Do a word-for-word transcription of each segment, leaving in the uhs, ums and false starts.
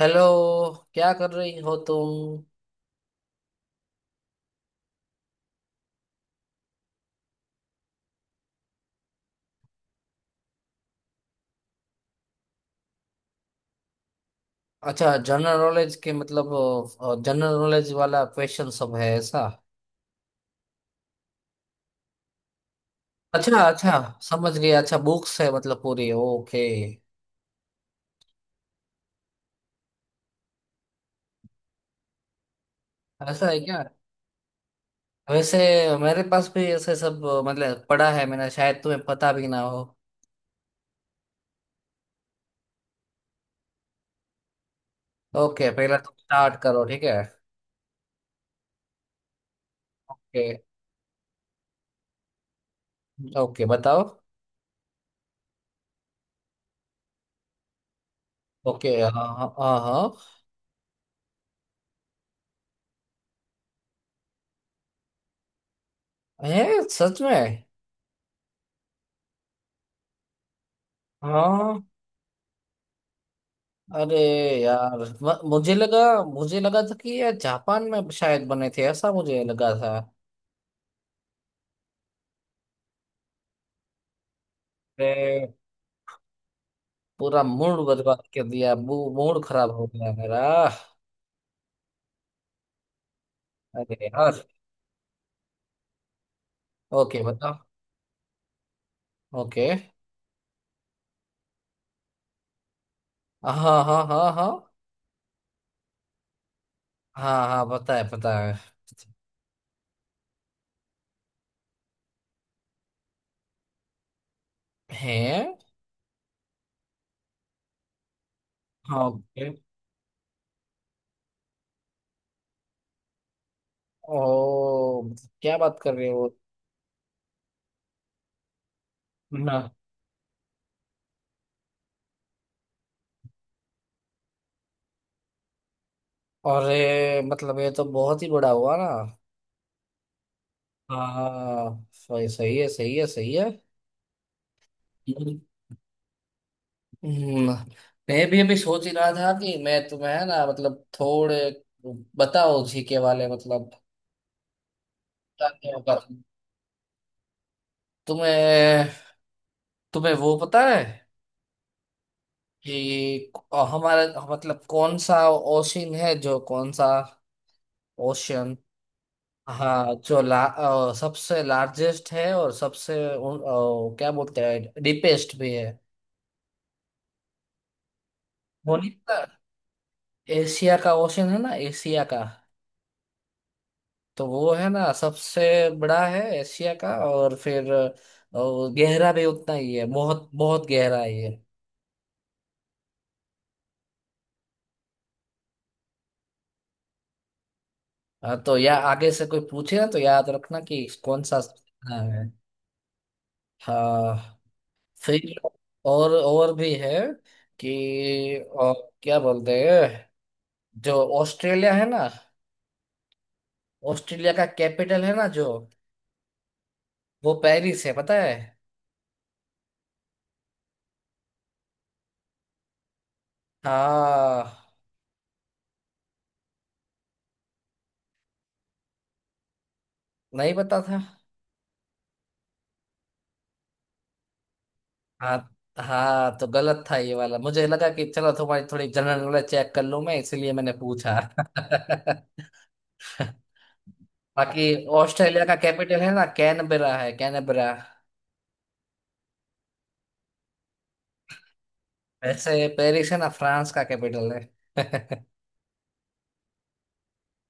Hello. क्या कर रही हो तुम। अच्छा, जनरल नॉलेज के मतलब। जनरल नॉलेज वाला क्वेश्चन सब है ऐसा। अच्छा अच्छा, समझ गया। अच्छा, बुक्स है मतलब पूरी। ओके। ऐसा है क्या। वैसे, मेरे पास भी ऐसे सब अ, मतलब पढ़ा है मैंने, शायद तुम्हें पता भी ना हो। ओके, पहला तुम स्टार्ट करो, ठीक है। ओके ओके, बताओ। ओके। हाँ हाँ हाँ हाँ। है? सच में? हाँ। अरे यार, म- मुझे लगा मुझे लगा था कि ये जापान में शायद बने थे, ऐसा मुझे लगा था। अरे, पूरा मूड बर्बाद कर दिया। मू- मूड खराब हो गया मेरा। अरे यार। ओके, बताओ। ओके। हाँ हाँ हाँ हाँ हाँ हाँ हाँ, पता है पता है। है? हाँ। ओके। ओ, मतलब क्या बात कर रहे हो। ना। अरे, मतलब ये तो बहुत ही बड़ा हुआ ना। हाँ, सही सही है, सही है, सही। है। हम्म, मैं भी अभी सोच ही रहा था कि मैं तुम्हें है ना मतलब थोड़े, बताओ जीके वाले मतलब क्या क्या होगा। तुम्हें तुम्हें वो पता है कि हमारा मतलब कौन सा ओशन है, जो कौन सा ओशन। हाँ, जो ला, अ, सबसे लार्जेस्ट है और सबसे उन- अ, क्या बोलते हैं डीपेस्ट भी है। वो नहीं पता। एशिया का ओशन है ना, एशिया का। तो वो है ना सबसे बड़ा है एशिया का, और फिर अ, गहरा भी उतना ही है। बहुत बहुत गहरा है ये। हाँ, तो या आगे से कोई पूछे ना, तो याद रखना कि कौन सा कितना है। हाँ। फिर और और भी है कि अ, क्या बोलते हैं। जो ऑस्ट्रेलिया है ना, ऑस्ट्रेलिया का कैपिटल है ना जो, वो पेरिस है, पता है। हाँ, नहीं पता था। हाँ हाँ, तो गलत था ये वाला। मुझे लगा कि चलो तुम्हारी थोड़ी जनरल नॉलेज चेक कर लूं मैं, इसलिए मैंने पूछा। बाकी ऑस्ट्रेलिया का कैपिटल है ना, कैनबरा है कैनबरा। वैसे पेरिस है ना, फ्रांस का कैपिटल है।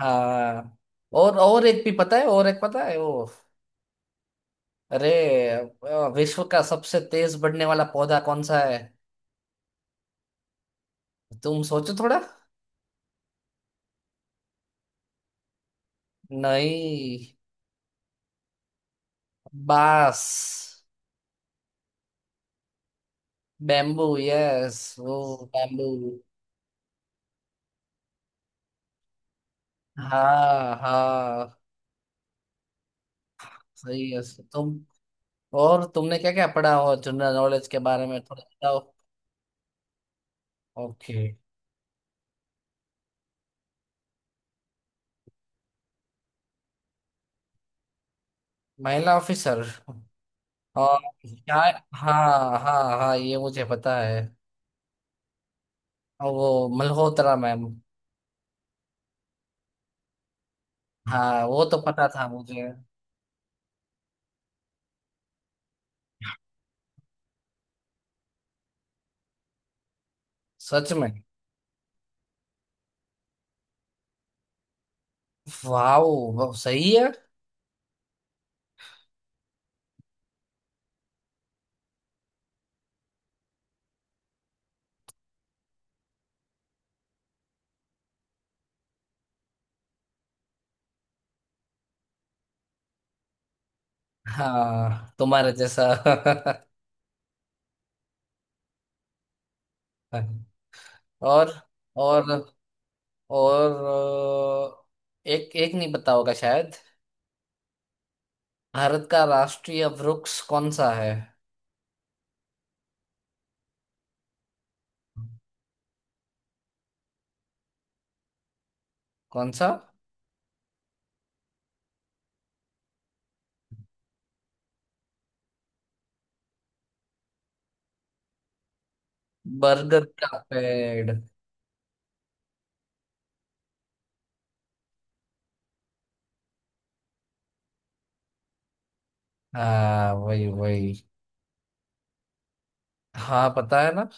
हाँ। और और एक भी पता है, और एक पता है वो। अरे, अ, विश्व का सबसे तेज बढ़ने वाला पौधा कौन सा है। तुम सोचो थोड़ा। नहीं। बांस। Bamboo, yes. वो बैम्बू। हाँ हाँ, सही है। तुम। और तुमने क्या क्या पढ़ा हो जनरल नॉलेज के बारे में, थोड़ा बताओ। ओके। महिला ऑफिसर? और क्या? हाँ हाँ हाँ, ये मुझे पता है। और वो मल्होत्रा मैम। हाँ, वो तो पता था मुझे। सच में? वाओ, सही है। हाँ। तुम्हारे जैसा। और और और अ, एक एक नहीं पता होगा शायद, भारत का राष्ट्रीय वृक्ष कौन सा है। कौन सा? बरगद का पेड़। हाँ वही वही। हाँ पता है ना।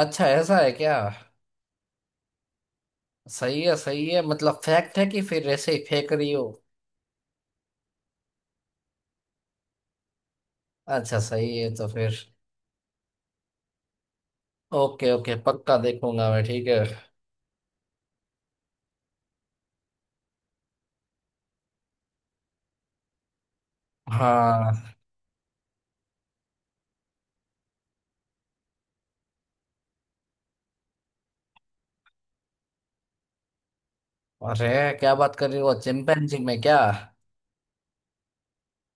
अच्छा, ऐसा है क्या। सही है, सही है, मतलब फैक्ट है कि फिर ऐसे ही फेंक रही हो। अच्छा, सही है तो फिर। ओके ओके, पक्का देखूंगा मैं, ठीक है। हाँ। अरे, क्या बात कर रही हो, चिंपैंजी में क्या।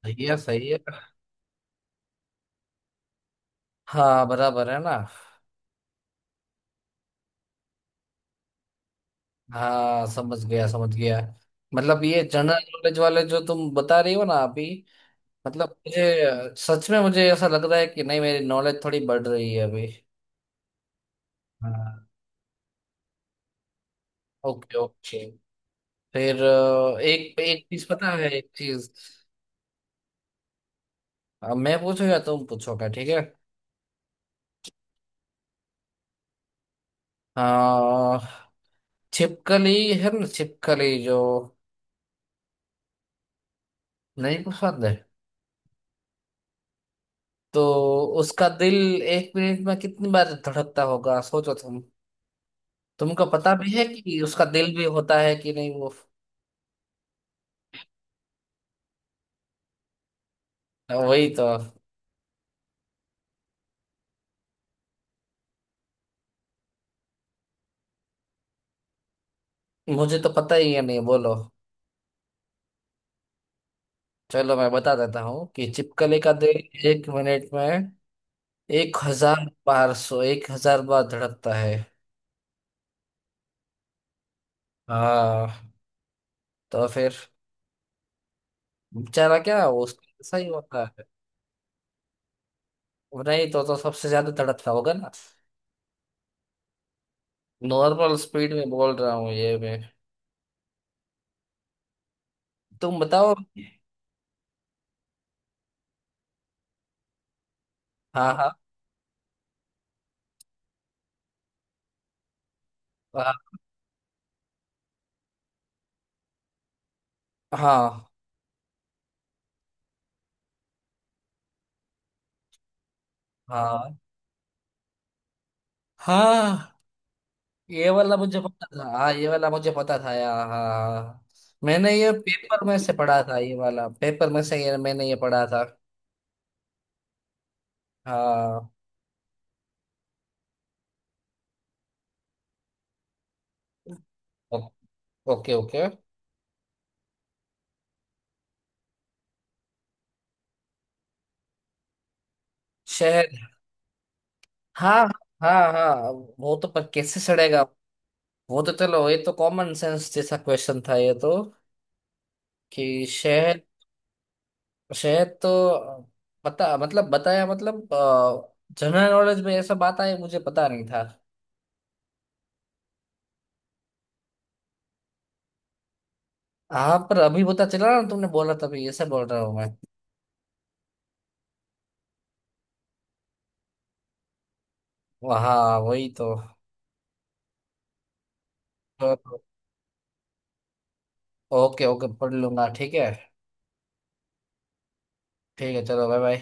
सही है, सही है। हाँ, बराबर है ना। हाँ, समझ गया समझ गया। मतलब ये जनरल नॉलेज वाले जो तुम बता रही हो ना अभी, मतलब मुझे, सच में मुझे ऐसा लग रहा है कि नहीं मेरी नॉलेज थोड़ी बढ़ रही है अभी। हाँ। Okay okay. फिर अ, एक एक चीज पता है, एक चीज। अ, मैं पूछो या तुम पूछोगे, ठीक है। अ, छिपकली, है ना छिपकली जो नहीं पसंद है। तो उसका दिल एक मिनट में कितनी बार धड़कता होगा, सोचो तुम। तुमको पता भी है कि उसका दिल भी होता है कि नहीं वो। वही तो। मुझे तो पता ही है नहीं, बोलो। चलो, मैं बता देता हूँ कि छिपकली का दिल एक मिनट में एक हजार बार, सो एक हजार बार धड़कता है। हाँ तो फिर। बेचारा क्या, उसका ऐसा ही होता है। नहीं तो तो सबसे ज्यादा धड़कता होगा ना। नॉर्मल स्पीड में बोल रहा हूँ ये मैं। तुम बताओ। हाँ हाँ हाँ हाँ हाँ हाँ, ये वाला मुझे पता था हाँ, ये वाला मुझे पता था यार। हाँ हाँ। मैंने ये पेपर में से पढ़ा था, ये वाला पेपर में से ये मैंने ये पढ़ा था। हाँ। ओ- ओके ओके। शहर। हाँ हाँ हाँ। वो तो, पर कैसे सड़ेगा। वो तो चलो, ये तो कॉमन सेंस जैसा क्वेश्चन था ये तो, कि शहर। शहर तो पता, मतलब बताया, मतलब जनरल नॉलेज में ऐसा बात आई, मुझे पता नहीं था। हाँ, पर अभी पता चला ना, तुमने बोला तभी ऐसे बोल रहा हूँ मैं। हाँ वही तो। ओके ओके, पढ़ लूंगा, ठीक है। ठीक है, चलो, बाय बाय।